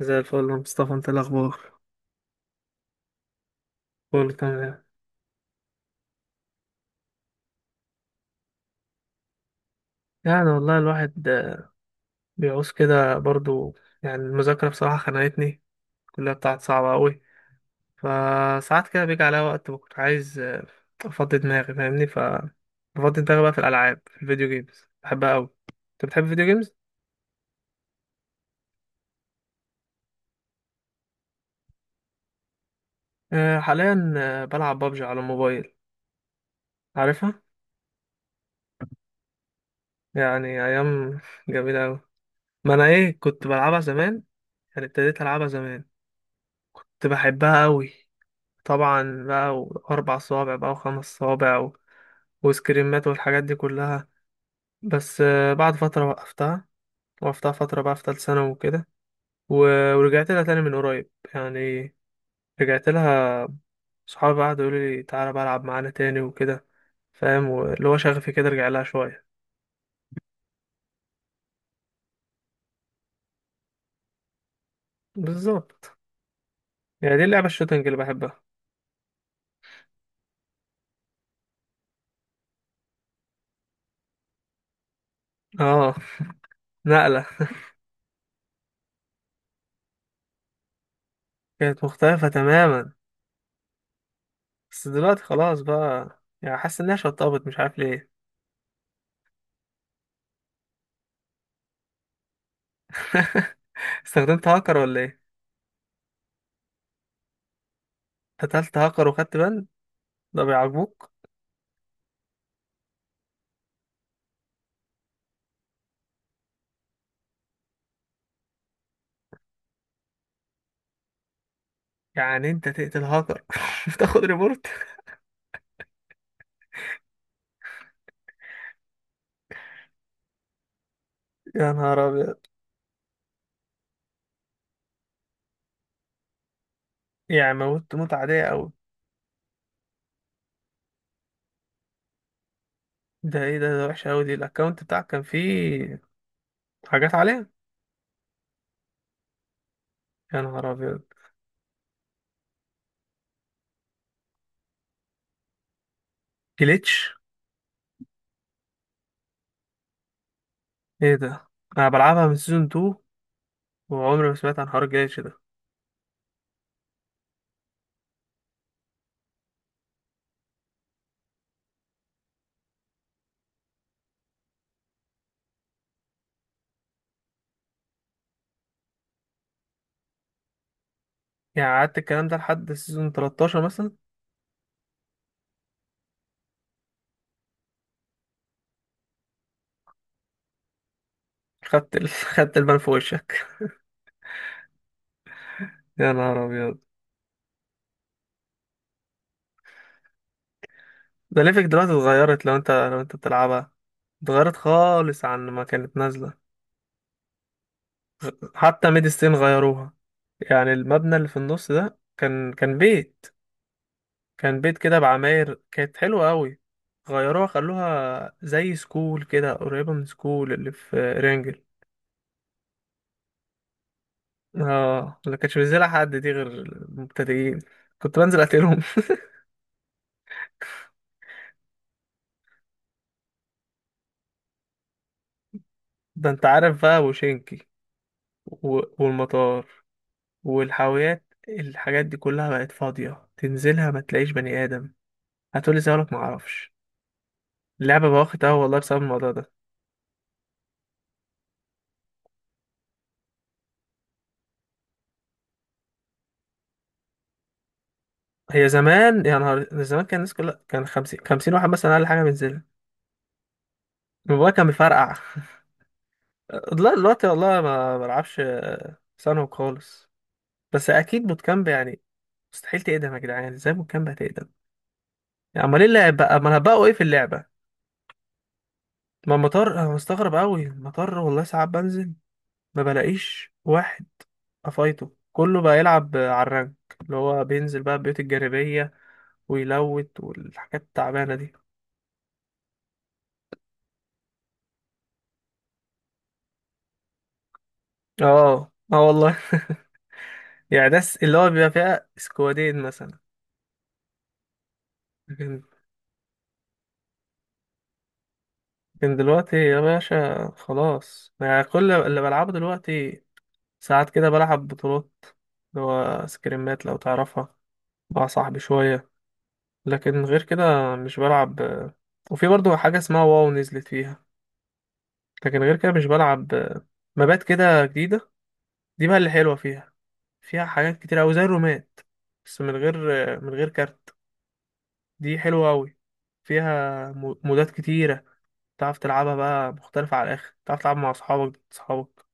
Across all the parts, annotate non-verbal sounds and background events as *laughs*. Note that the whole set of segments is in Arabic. زي الفل يا مصطفى، انت إيه الاخبار؟ كله تمام. يعني والله الواحد بيعوز كده برضو. يعني المذاكرة بصراحة خنقتني، الكلية بتاعت صعبة قوي، فساعات كده بيجي عليا وقت بكون عايز افضي دماغي، فاهمني. بفضي دماغي بقى في الالعاب، في الفيديو جيمز، بحبها قوي. انت بتحب الفيديو جيمز؟ حاليا بلعب بابجي على الموبايل، عارفها. يعني ايام جميلة قوي، ما انا ايه كنت بلعبها زمان، يعني ابتديت العبها زمان، كنت بحبها قوي. طبعا بقى، واربع صوابع بقى، وخمس صوابع، وسكريمات والحاجات دي كلها. بس بعد فترة وقفتها، وقفتها فترة بقى في تالت ثانوي وكده. ورجعت لها تاني من قريب، يعني رجعت لها. صحابي بقى قعدوا يقولوا لي تعالى بقى العب معانا تاني وكده، فاهم. واللي هو شغفي كده رجع لها شوية. بالظبط، يعني دي اللعبة الشوتنج اللي بحبها. اه، نقلة. كانت مختلفة تماما. بس دلوقتي خلاص بقى، يعني حاسس انها شطبت، مش عارف ليه. *laughs* استخدمت هاكر ولا ايه؟ قتلت هاكر وخدت بند؟ ده بيعجبوك؟ يعني انت تقتل هاكر *laughs* وتاخد ريبورت؟ يا نهار ابيض. يعني موت موت عادية اوي؟ ده ايه ده وحشة اوي دي. الاكونت بتاعك كان فيه حاجات عليه؟ يا نهار ابيض. جليتش؟ ايه ده؟ انا بلعبها من سيزون 2 وعمري ما سمعت عن حوار الجليتش ده. يعني قعدت الكلام ده لحد سيزون 13 مثلا؟ خدت *laughs* خدت البان في وشك. يا نهار ابيض. ده ليفك دلوقتي اتغيرت، لو انت بتلعبها. اتغيرت خالص عن ما كانت نازلة. حتى ميد ستيل غيروها. يعني المبنى اللي في النص ده كان بيت. كان بيت كده بعماير كانت حلوة قوي. غيروها، خلوها زي سكول كده، قريبة من سكول اللي في رانجل. اه، ما كانش بينزلها حد دي غير المبتدئين، كنت بنزل اقتلهم. *laughs* ده انت عارف بقى وشينكي، والمطار، والحاويات. الحاجات دي كلها بقت فاضية، تنزلها ما تلاقيش بني آدم. هتقولي زي ما معرفش. اللعبة بقى واخد قهوة والله بسبب الموضوع ده. هي زمان، يا نهار زمان، كان الناس كلها كان خمسين خمسين واحد مثلا أقل حاجة بينزلها، الموبايل كان بيفرقع. *laughs* لا دلوقتي والله ما بلعبش، ثانوي خالص. بس أكيد بوت كامب يعني مستحيل تقدم، يا جدعان ازاي بوت كامب هتقدم؟ يعني أمال ايه اللعب بقى، أمال هبقوا ايه في اللعبة؟ ما المطار، أنا مستغرب أوي، المطار والله ساعات بنزل ما بلاقيش واحد. أفايته كله بقى يلعب على الرانك، اللي هو بينزل بقى البيوت الجانبية ويلوت والحاجات التعبانة دي. اه، اه، والله. *laughs* يعني ناس اللي هو بيبقى فيها سكوادين مثلا. لكن لكن دلوقتي يا باشا خلاص، يعني كل اللي بلعبه دلوقتي ساعات كده بلعب بطولات، اللي هو سكريمات لو تعرفها، مع صاحبي شوية. لكن غير كده مش بلعب. وفي برضه حاجة اسمها واو نزلت فيها، لكن غير كده مش بلعب. مبات كده جديدة، دي بقى اللي حلوة فيها. فيها حاجات كتير أوي زي الرومات، بس من غير كارت. دي حلوة أوي. فيها مودات كتيرة، تعرف تلعبها بقى مختلفة على الآخر، تعرف تلعب مع أصحابك أصحابك،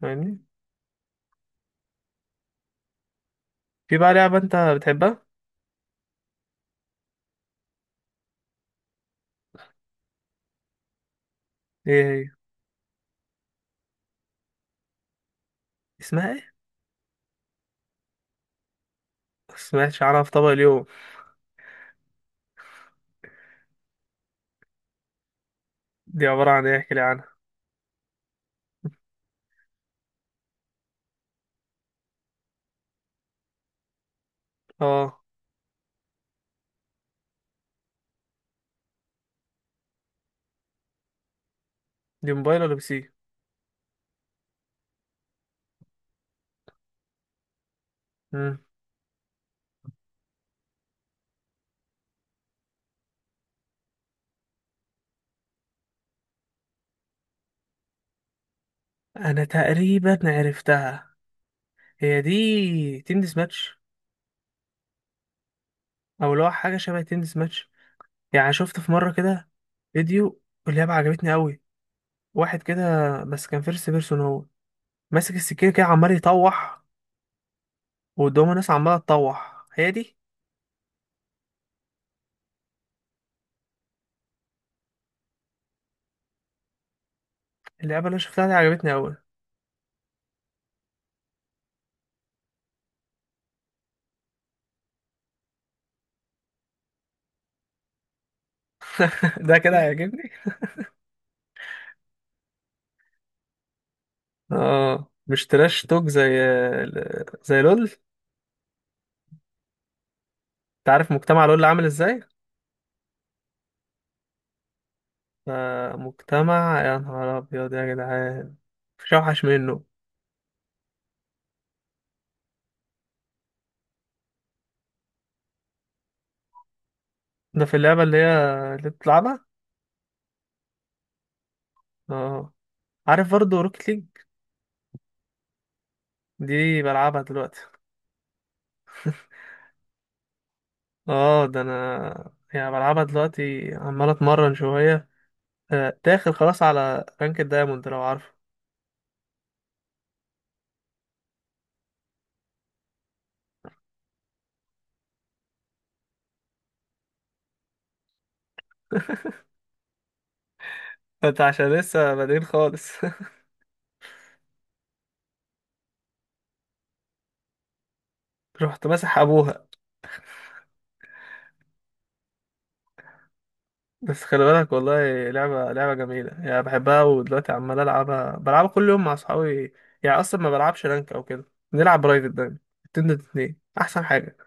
فاهمني. في بقى لعبة أنت بتحبها؟ إيه هي؟ اسمها إيه؟ مسمعتش عنها في طبق اليوم. دي عبارة عن إيه، احكي لي عنها. آه. دي موبايل ولا بي سي؟ مم. أنا تقريبا عرفتها، هي دي تنس ماتش، أو اللي هو حاجة شبه تنس ماتش. يعني شفت في مرة كده فيديو، واللعبة عجبتني أوي. واحد كده، بس كان فيرست بيرسون، هو ماسك السكينة كده عمال يطوح، وقدامه ناس عمالة تطوح. هي دي اللعبة اللي أنا شفتها دي، عجبتني أوي. *laughs* ده كده هيعجبني. اه، مش تراش توك زي، زي لول؟ انت عارف مجتمع لول عامل ازاي؟ مجتمع يا نهار أبيض يا جدعان، مفيش أوحش منه. ده في اللعبة اللي هي اللي بتلعبها؟ اه. عارف برضه روكيت ليج؟ دي بلعبها دلوقتي. اه، ده أنا يعني بلعبها دلوقتي، عمال أتمرن شوية، داخل خلاص على رانك الدايموند لو عارفه. *laughs* انت عشان لسه بادئين خالص. *laughs* رحت ماسح ابوها. بس خلي بالك والله لعبة جميلة، يعني بحبها ودلوقتي عمال ألعبها، بلعبها كل يوم مع أصحابي. يعني أصلا ما بلعبش رانك أو كده، بنلعب برايفت دايما، اتنين ضد اتنين أحسن حاجة.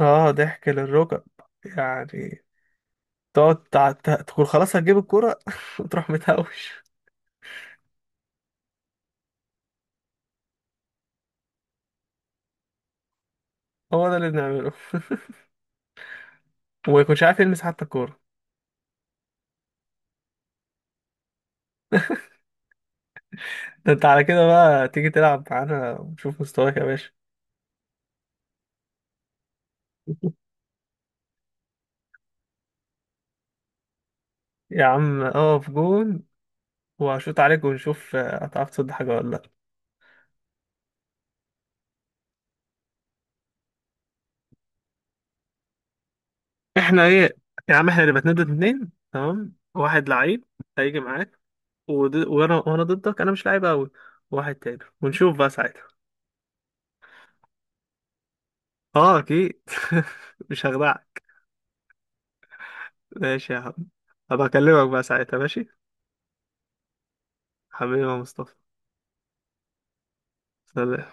اه، ضحك للركب، يعني. تقعد تقول خلاص هتجيب الكورة *laughs* وتروح متهوش. هو ده اللي بنعمله، *laughs* وما يكونش عارف يلمس حتى الكورة. ده انت على كده بقى تيجي تلعب معانا، ونشوف مستواك يا باشا. يا عم اقف جون، وهشوط عليك ونشوف هتعرف تصد حاجة ولا لأ. احنا ايه؟ يا عم احنا اللي بنتندد، اتنين تمام، واحد لعيب هيجي معاك، وانا ضدك، انا مش لعيب قوي، واحد تاني، ونشوف بقى ساعتها. اه اكيد، *laughs* مش هخدعك. ماشي يا عم، هبقى اكلمك بقى ساعتها ماشي. حبيبي يا مصطفى، سلام.